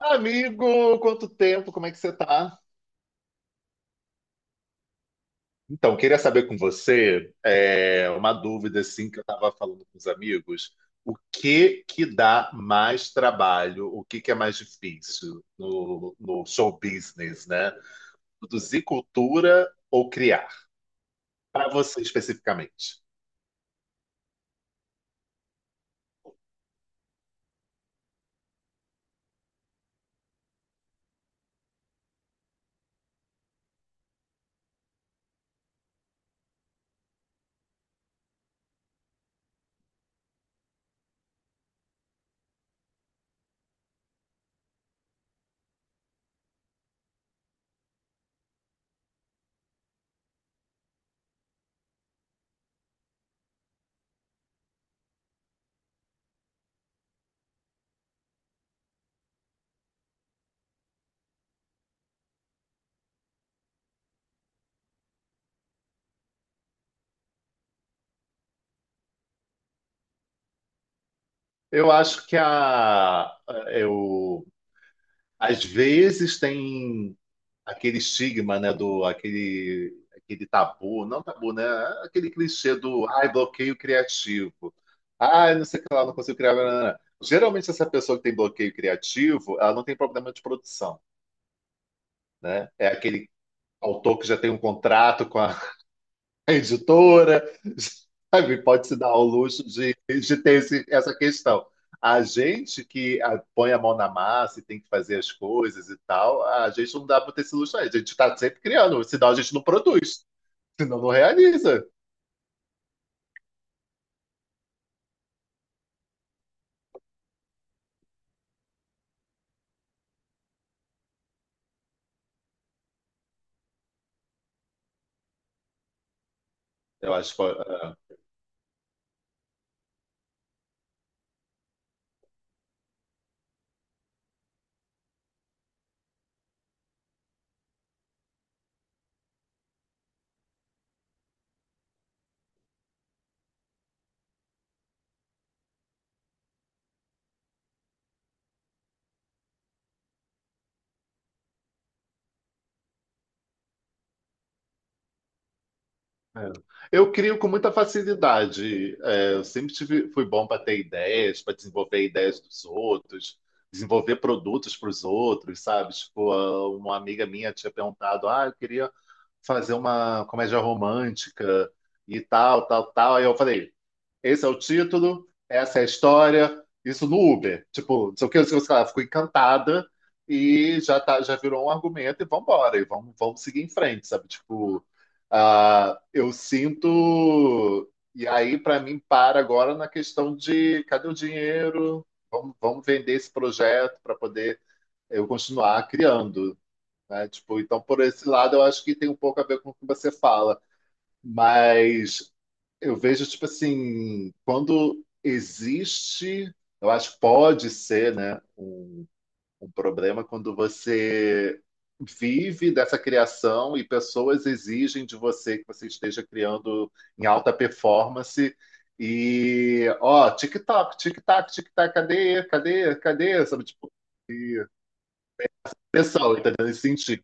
Amigo, quanto tempo, como é que você tá? Então, queria saber com você, uma dúvida assim que eu estava falando com os amigos, o que que dá mais trabalho, o que que é mais difícil no show business, né? Produzir cultura ou criar? Para você especificamente. Eu acho que a, eu Às vezes tem aquele estigma, né, do aquele tabu, não tabu, né, aquele clichê do ai, bloqueio criativo. Ai, não sei o que lá, não consigo criar. Blá, blá, blá. Geralmente essa pessoa que tem bloqueio criativo, ela não tem problema de produção, né? É aquele autor que já tem um contrato com a editora, sabe? Pode se dar ao luxo de ter essa questão. A gente que ah, põe a mão na massa e tem que fazer as coisas e tal, a gente não dá para ter esse luxo. Aí. A gente está sempre criando, senão a gente não produz, senão não realiza. Eu acho que ah, é. Eu crio com muita facilidade. É, eu sempre tive, fui bom para ter ideias, para desenvolver ideias dos outros, desenvolver produtos para os outros, sabe? Tipo, ah, uma amiga minha tinha perguntado, ah, eu queria fazer uma comédia romântica e tal, tal, tal. Aí eu falei, esse é o título, essa é a história, isso no Uber. Tipo, não sei o que, não sei o que lá. Fico encantada e já, tá, já virou um argumento e vambora, e vamos, vamos seguir em frente, sabe? Tipo, ah, eu sinto... E aí, para mim, para agora na questão de cadê o dinheiro? Vamos, vamos vender esse projeto para poder eu continuar criando, né? Tipo, então por esse lado eu acho que tem um pouco a ver com o que você fala, mas eu vejo tipo assim, quando existe, eu acho que pode ser, né, um problema quando você vive dessa criação e pessoas exigem de você que você esteja criando em alta performance. E, ó, tic-tac, tic-tac, tic-tac, cadê, cadê, cadê? Sabe, tipo, e pressão, entendeu? Nesse sentido.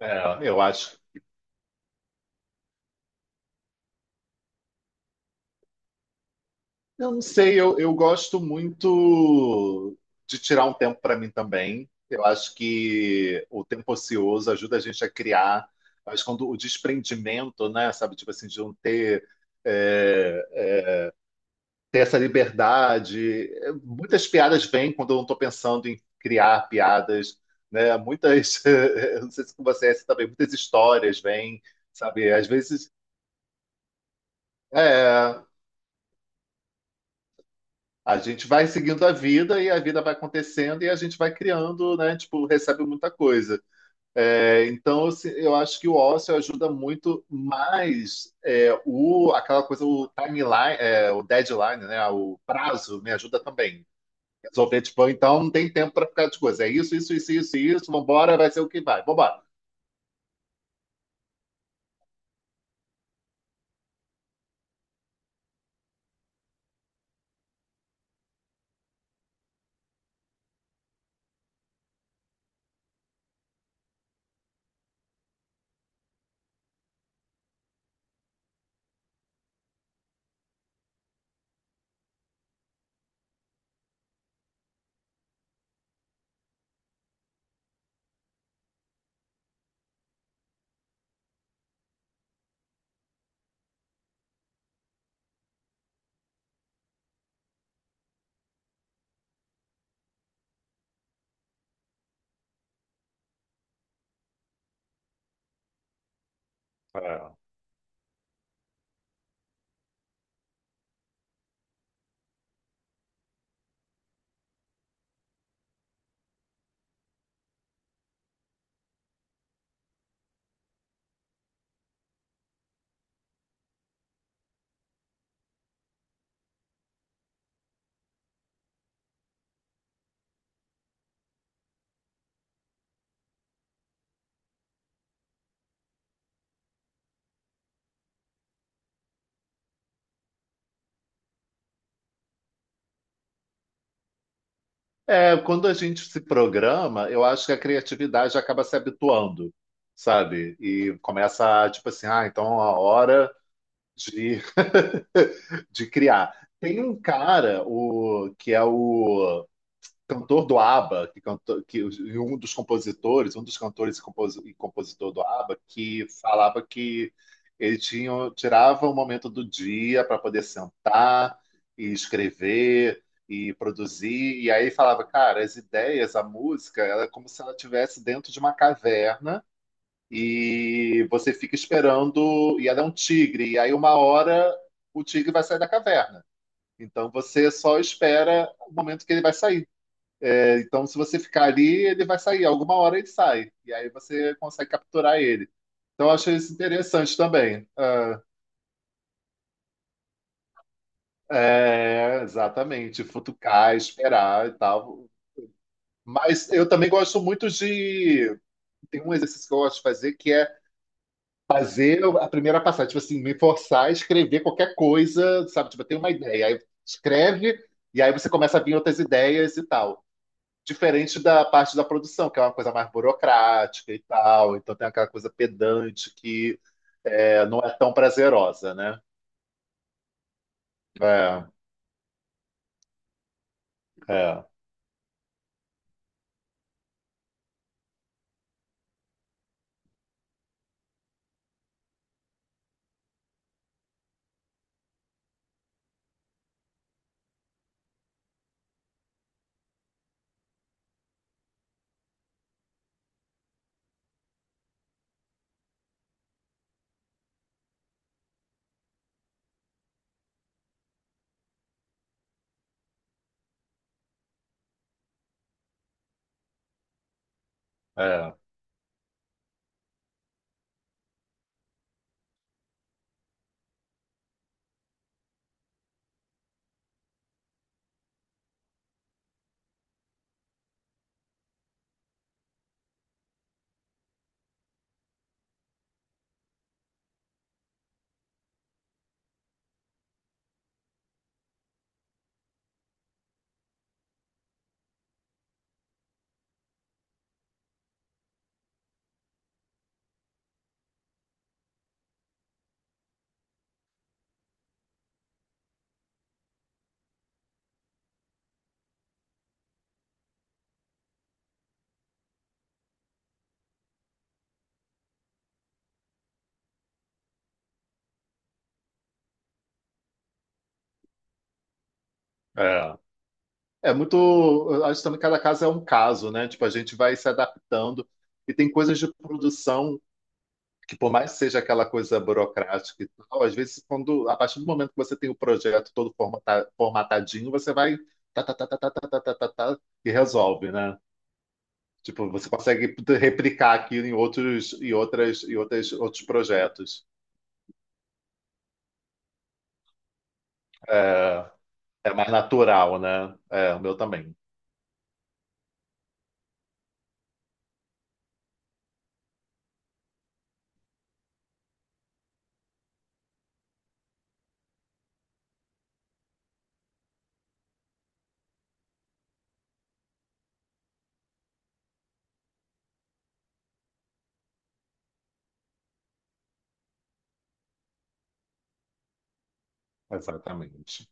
É, eu acho Eu não sei, eu gosto muito de tirar um tempo para mim também. Eu acho que o tempo ocioso ajuda a gente a criar, mas quando o desprendimento, né, sabe, tipo assim, de não ter, é, ter essa liberdade. É, muitas piadas vêm quando eu não estou pensando em criar piadas, né? Muitas, eu não sei se com você é assim também, muitas histórias vêm, sabe? Às vezes, é, a gente vai seguindo a vida e a vida vai acontecendo e a gente vai criando, né? Tipo, recebe muita coisa. É, então, assim, eu acho que o ócio ajuda muito mais aquela coisa, o timeline, o deadline, né? O prazo me ajuda também. Resolver, tipo, então não tem tempo para ficar de coisa. É isso, isso, isso, isso, isso, vambora, vai ser o que vai, vambora. É. É, quando a gente se programa, eu acho que a criatividade acaba se habituando, sabe? E começa, tipo assim, ah, então a hora de, de criar. Tem um cara, o, que é o cantor do ABBA, que, cantou, que e um dos compositores, um dos cantores e, e compositor do ABBA, que falava que ele tinha, tirava um momento do dia para poder sentar e escrever e produzir. E aí falava, cara, as ideias, a música, ela é como se ela estivesse dentro de uma caverna e você fica esperando, e ela é um tigre, e aí uma hora o tigre vai sair da caverna. Então você só espera o momento que ele vai sair. É, então, se você ficar ali, ele vai sair, alguma hora ele sai, e aí você consegue capturar ele. Então, eu achei isso interessante também. Ah, é, exatamente, futucar, esperar e tal. Mas eu também gosto muito de. Tem um exercício que eu gosto de fazer que é fazer a primeira passagem, tipo assim, me forçar a escrever qualquer coisa, sabe? Tipo, eu tenho uma ideia, aí escreve, e aí você começa a vir outras ideias e tal. Diferente da parte da produção, que é uma coisa mais burocrática e tal, então tem aquela coisa pedante que é, não é tão prazerosa, né? É, é, é, é. É muito. Eu acho também que cada caso é um caso, né? Tipo, a gente vai se adaptando. E tem coisas de produção que por mais que seja aquela coisa burocrática e tal, às vezes quando a partir do momento que você tem o projeto todo formatadinho, você vai tá, tá, tá, tá, tá, tá, tá, tá, tá, tá, e resolve, né? Tipo, você consegue replicar aquilo em outros e outras outros projetos. É, é mais natural, né? É, o meu também. Exatamente.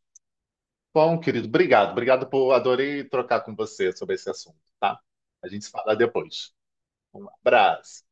Bom, querido, obrigado. Obrigado por adorei trocar com você sobre esse assunto, tá? A gente se fala depois. Um abraço.